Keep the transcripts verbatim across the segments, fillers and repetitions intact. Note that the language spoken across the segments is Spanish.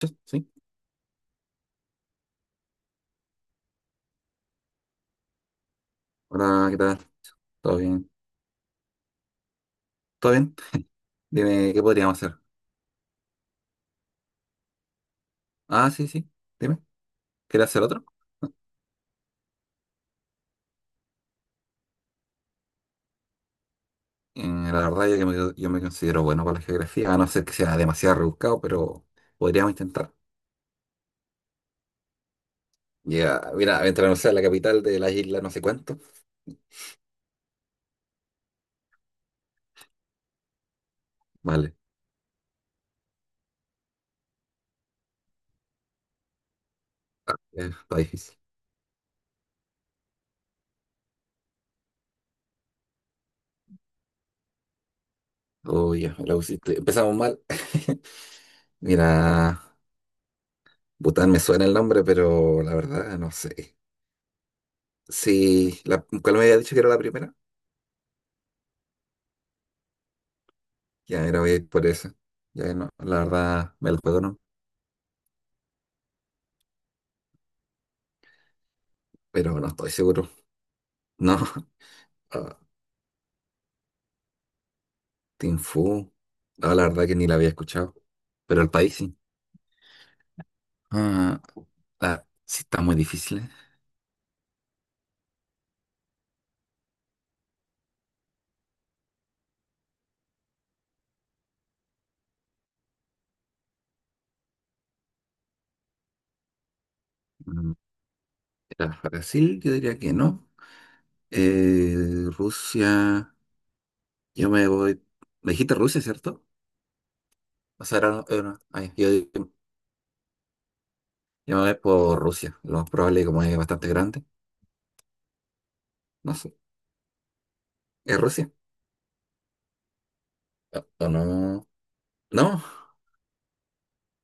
Sí, sí. Hola, ¿qué tal? ¿Todo bien? ¿Todo bien? Dime, ¿qué podríamos hacer? Ah, sí, sí. Dime, ¿quieres hacer otro? Eh, la verdad, yo, que me, yo me considero bueno para la geografía, a no ser que sea demasiado rebuscado, pero podríamos intentar. Ya, mira, mientras no sea la capital de la isla, no sé cuánto. Vale, eh, está difícil. Uy, ya, me la pusiste. Empezamos mal. Mira, Bután me suena el nombre, pero la verdad, no sé. Sí, la, ¿cuál me había dicho que era la primera? Ya, era voy a ir por esa. Ya, no, la verdad, me la juego, ¿no? Pero no estoy seguro. No, ah, Tim Fu, no, la verdad que ni la había escuchado, pero el país sí. Ah, ah, sí, está muy difícil, ¿eh? Mm, Era Brasil, yo diría que no. Eh, Rusia, yo me voy. Me dijiste Rusia, ¿cierto? O sea, era, era- ay, yo, yo me voy por Rusia. Lo más probable, como es bastante grande, no sé. ¿Es Rusia? ¿O o no? No,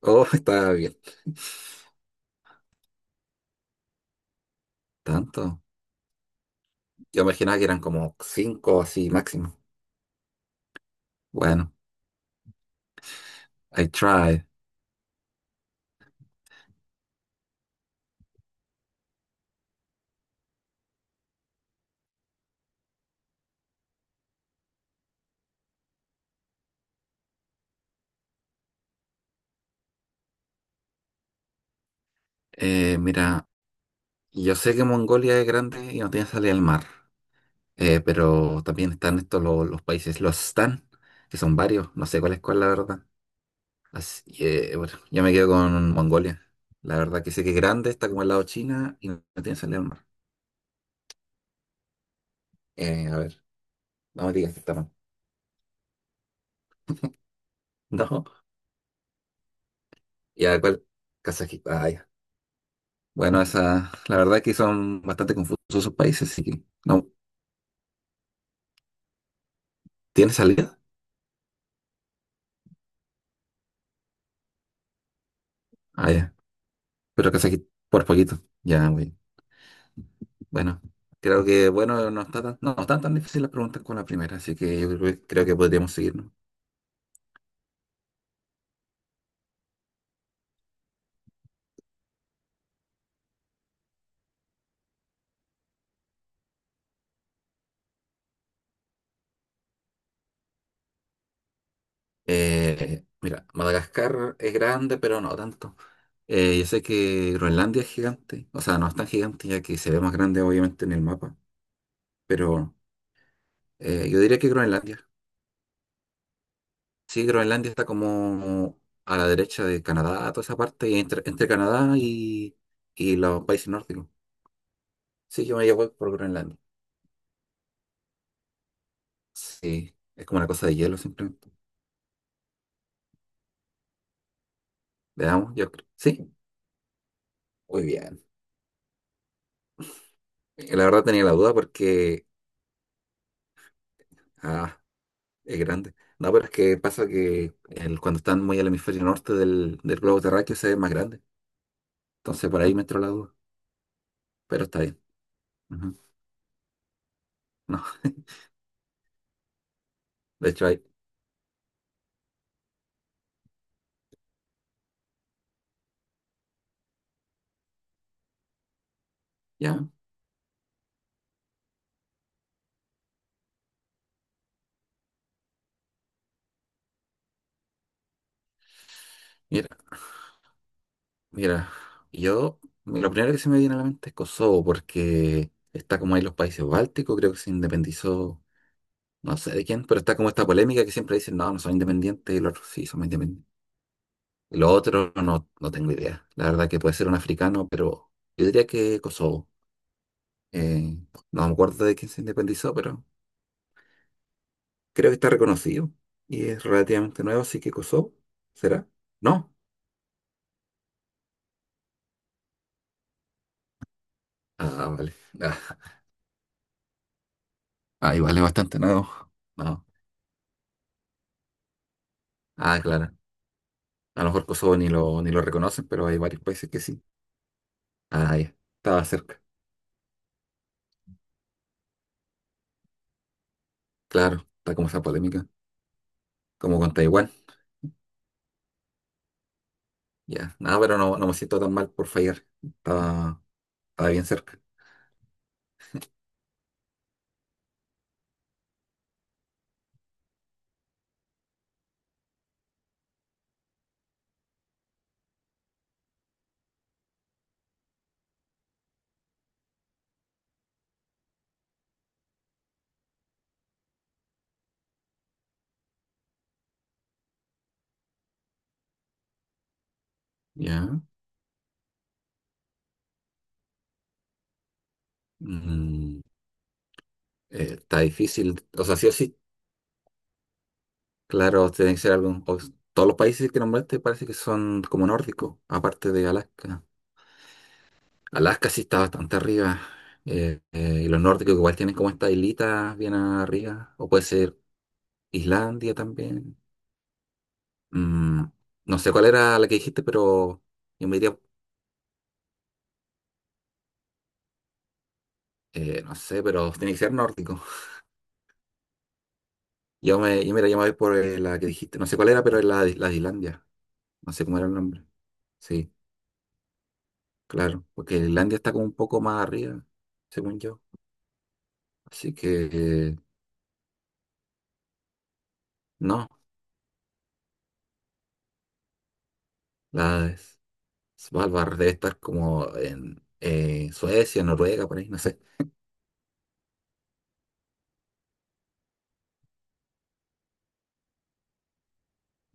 oh, está bien. Tanto. Yo imaginaba que eran como cinco así máximo. Bueno. I tried. Eh, mira, yo sé que Mongolia es grande y no tiene salida al mar, eh, pero también están estos lo- los, países, los Stan, que son varios, no sé cuál es cuál, la verdad. Así que, bueno, yo me quedo con Mongolia. La verdad que sé que es grande, está como al lado de China y no tiene salida al mar. Eh, a ver, no me digas que está mal. No, y a cuál, Kazajistán. Ah, ya. Bueno, esa, la verdad que son bastante confusos esos países, así que no, ¿tiene salida? Ah, ya. Pero Kazajistán, por poquito, ya, güey. Bueno, creo que bueno, no está tan, no, no están tan difíciles las preguntas como la primera, así que yo creo que, creo que podríamos seguirnos. Eh, mira, Madagascar es grande, pero no tanto. Eh, yo sé que Groenlandia es gigante, o sea, no es tan gigante ya que se ve más grande obviamente en el mapa, pero eh, yo diría que Groenlandia. Sí, Groenlandia está como a la derecha de Canadá, toda esa parte, y entre, entre Canadá y, y los países nórdicos. Sí, yo me llevo por Groenlandia. Sí, es como una cosa de hielo simplemente. Veamos, yo creo. Sí, muy bien. Eh, La verdad tenía la duda porque, ah, es grande. No, pero es que pasa que el- cuando están muy al hemisferio norte del, del globo terráqueo se ve más grande. Entonces por ahí me entró la duda, pero está bien. Ujú. No, de hecho ahí, ya, mira, mira, yo, lo primero que se me viene a la mente es Kosovo porque está como ahí los países bálticos, creo que se independizó, no sé de quién, pero está como esta polémica que siempre dicen, no, no son independientes y los otros sí somos independientes. Lo otro no, no tengo idea. La verdad que puede ser un africano, pero yo diría que Kosovo. Eh, no me acuerdo de quién se independizó, pero creo que está reconocido y es relativamente nuevo, así que Kosovo, ¿será? ¿No? Ah, vale. Ah, ah, igual es bastante nuevo. No. Ah, claro. A lo mejor Kosovo ni lo, ni lo reconocen, pero hay varios países que sí. Ah, ya. Estaba cerca. Claro, está como esa polémica, como con Taiwán. Ya. Nada, pero no, no me siento tan mal por fallar. Estaba, estaba bien cerca. Ya. Mm. Eh, está difícil. O sea, sí o sí, claro, tiene que ser algún. o- todos los países que nombraste parece que son como nórdicos, aparte de Alaska. Alaska sí está bastante arriba. eh, eh, y los nórdicos igual tienen como esta islita bien arriba. O puede ser Islandia también. Mm, no sé cuál era la que dijiste, pero yo me diría, eh, no sé, pero tiene que ser nórdico. Yo me, yo mira, yo me voy por eh, la que dijiste. No sé cuál era, pero es la, de- la de Islandia. No sé cómo era el nombre. Sí. Claro, porque Islandia está como un poco más arriba, según yo. Así que eh, no, la Svalbard debe estar como en eh, Suecia, Noruega, por ahí, no sé.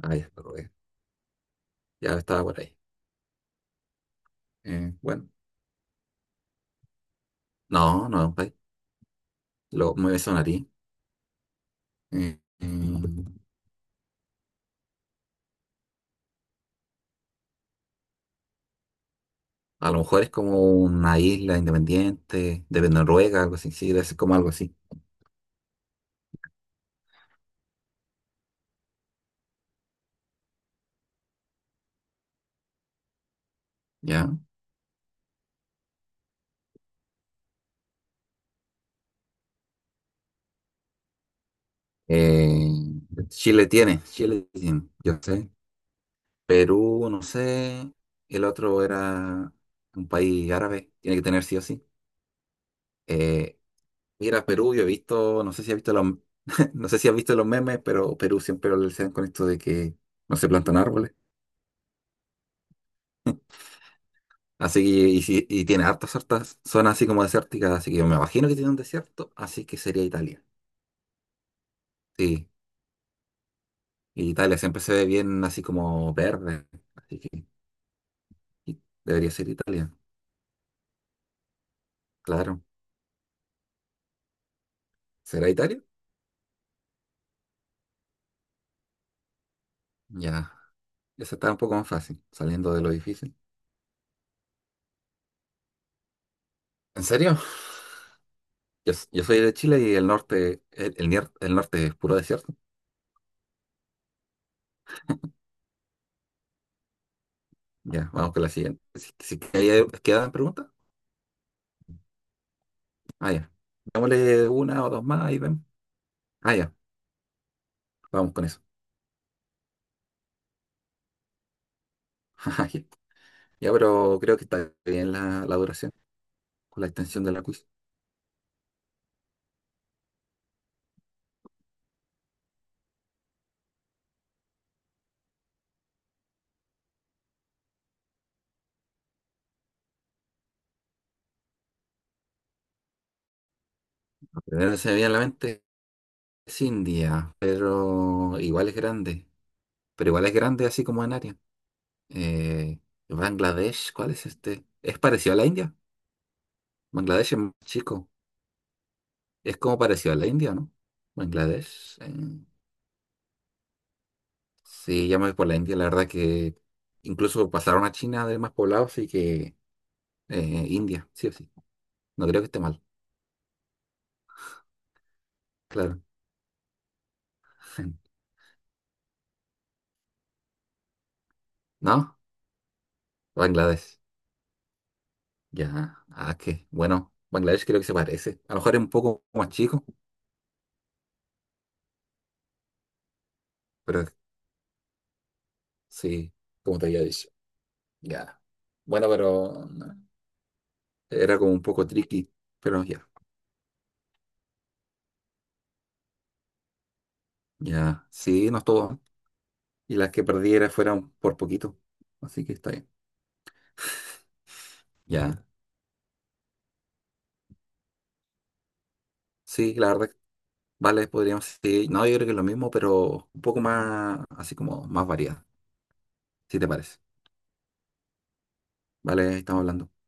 Ah, ya, Noruega. Ya estaba por ahí. Eh, bueno, no, no es un país. Lo, me sonaría. Eh, mm, a lo mejor es como una isla independiente de Noruega, algo así. Sí, debe ser como algo así. ¿Ya? Eh, Chile tiene, Chile tiene, yo sé. Perú, no sé. El otro era un país árabe. Tiene que tener sí o sí. Eh, mira, Perú, yo he visto, no sé si has visto los, no sé si has visto los memes, pero Perú siempre lo relacionan con esto de que no se plantan árboles. Así que, y, si- y tiene hartas, hartas zonas así como desérticas, así que yo me imagino que tiene un desierto, así que sería Italia. Sí, y Italia siempre se ve bien así como verde, así que y- debería ser Italia, claro. ¿Será Italia? Ya, esa está un poco más fácil, saliendo de lo difícil. ¿En serio? Yo, s- yo soy de Chile y el norte, el, el, nier- el norte es puro desierto. Ya, vamos con la siguiente. Si, si hay- quedan preguntas, ah, ya. Démosle una o dos más y vemos. Ah, ya, vamos con eso. Ya, pero creo que está bien la, la duración con la extensión de la quiz. Lo primero que se me viene a la mente es India, pero igual es grande. Pero igual es grande así como en área. Eh, Bangladesh, ¿cuál es este? ¿Es parecido a la India? Bangladesh es más chico. Es como parecido a la India, ¿no? Bangladesh. eh, sí, ya me voy por la India. La verdad que incluso pasaron a China de más poblado, así que eh, India, sí o sí. No creo que esté mal, claro. ¿No? Bangladesh. Ya. Ah, qué. Bueno, Bangladesh creo que se parece. A lo mejor es un poco más chico, pero sí, como te había dicho. Ya. Bueno, pero no, era como un poco tricky, pero ya. Ya. Sí, no estuvo mal. Y las que perdiera fueron por poquito. Así que está bien. Ya. Sí, la verdad, que vale, podríamos, sí, no, yo creo que es lo mismo, pero un poco más, así como más variada, si te parece. Vale, ahí estamos hablando.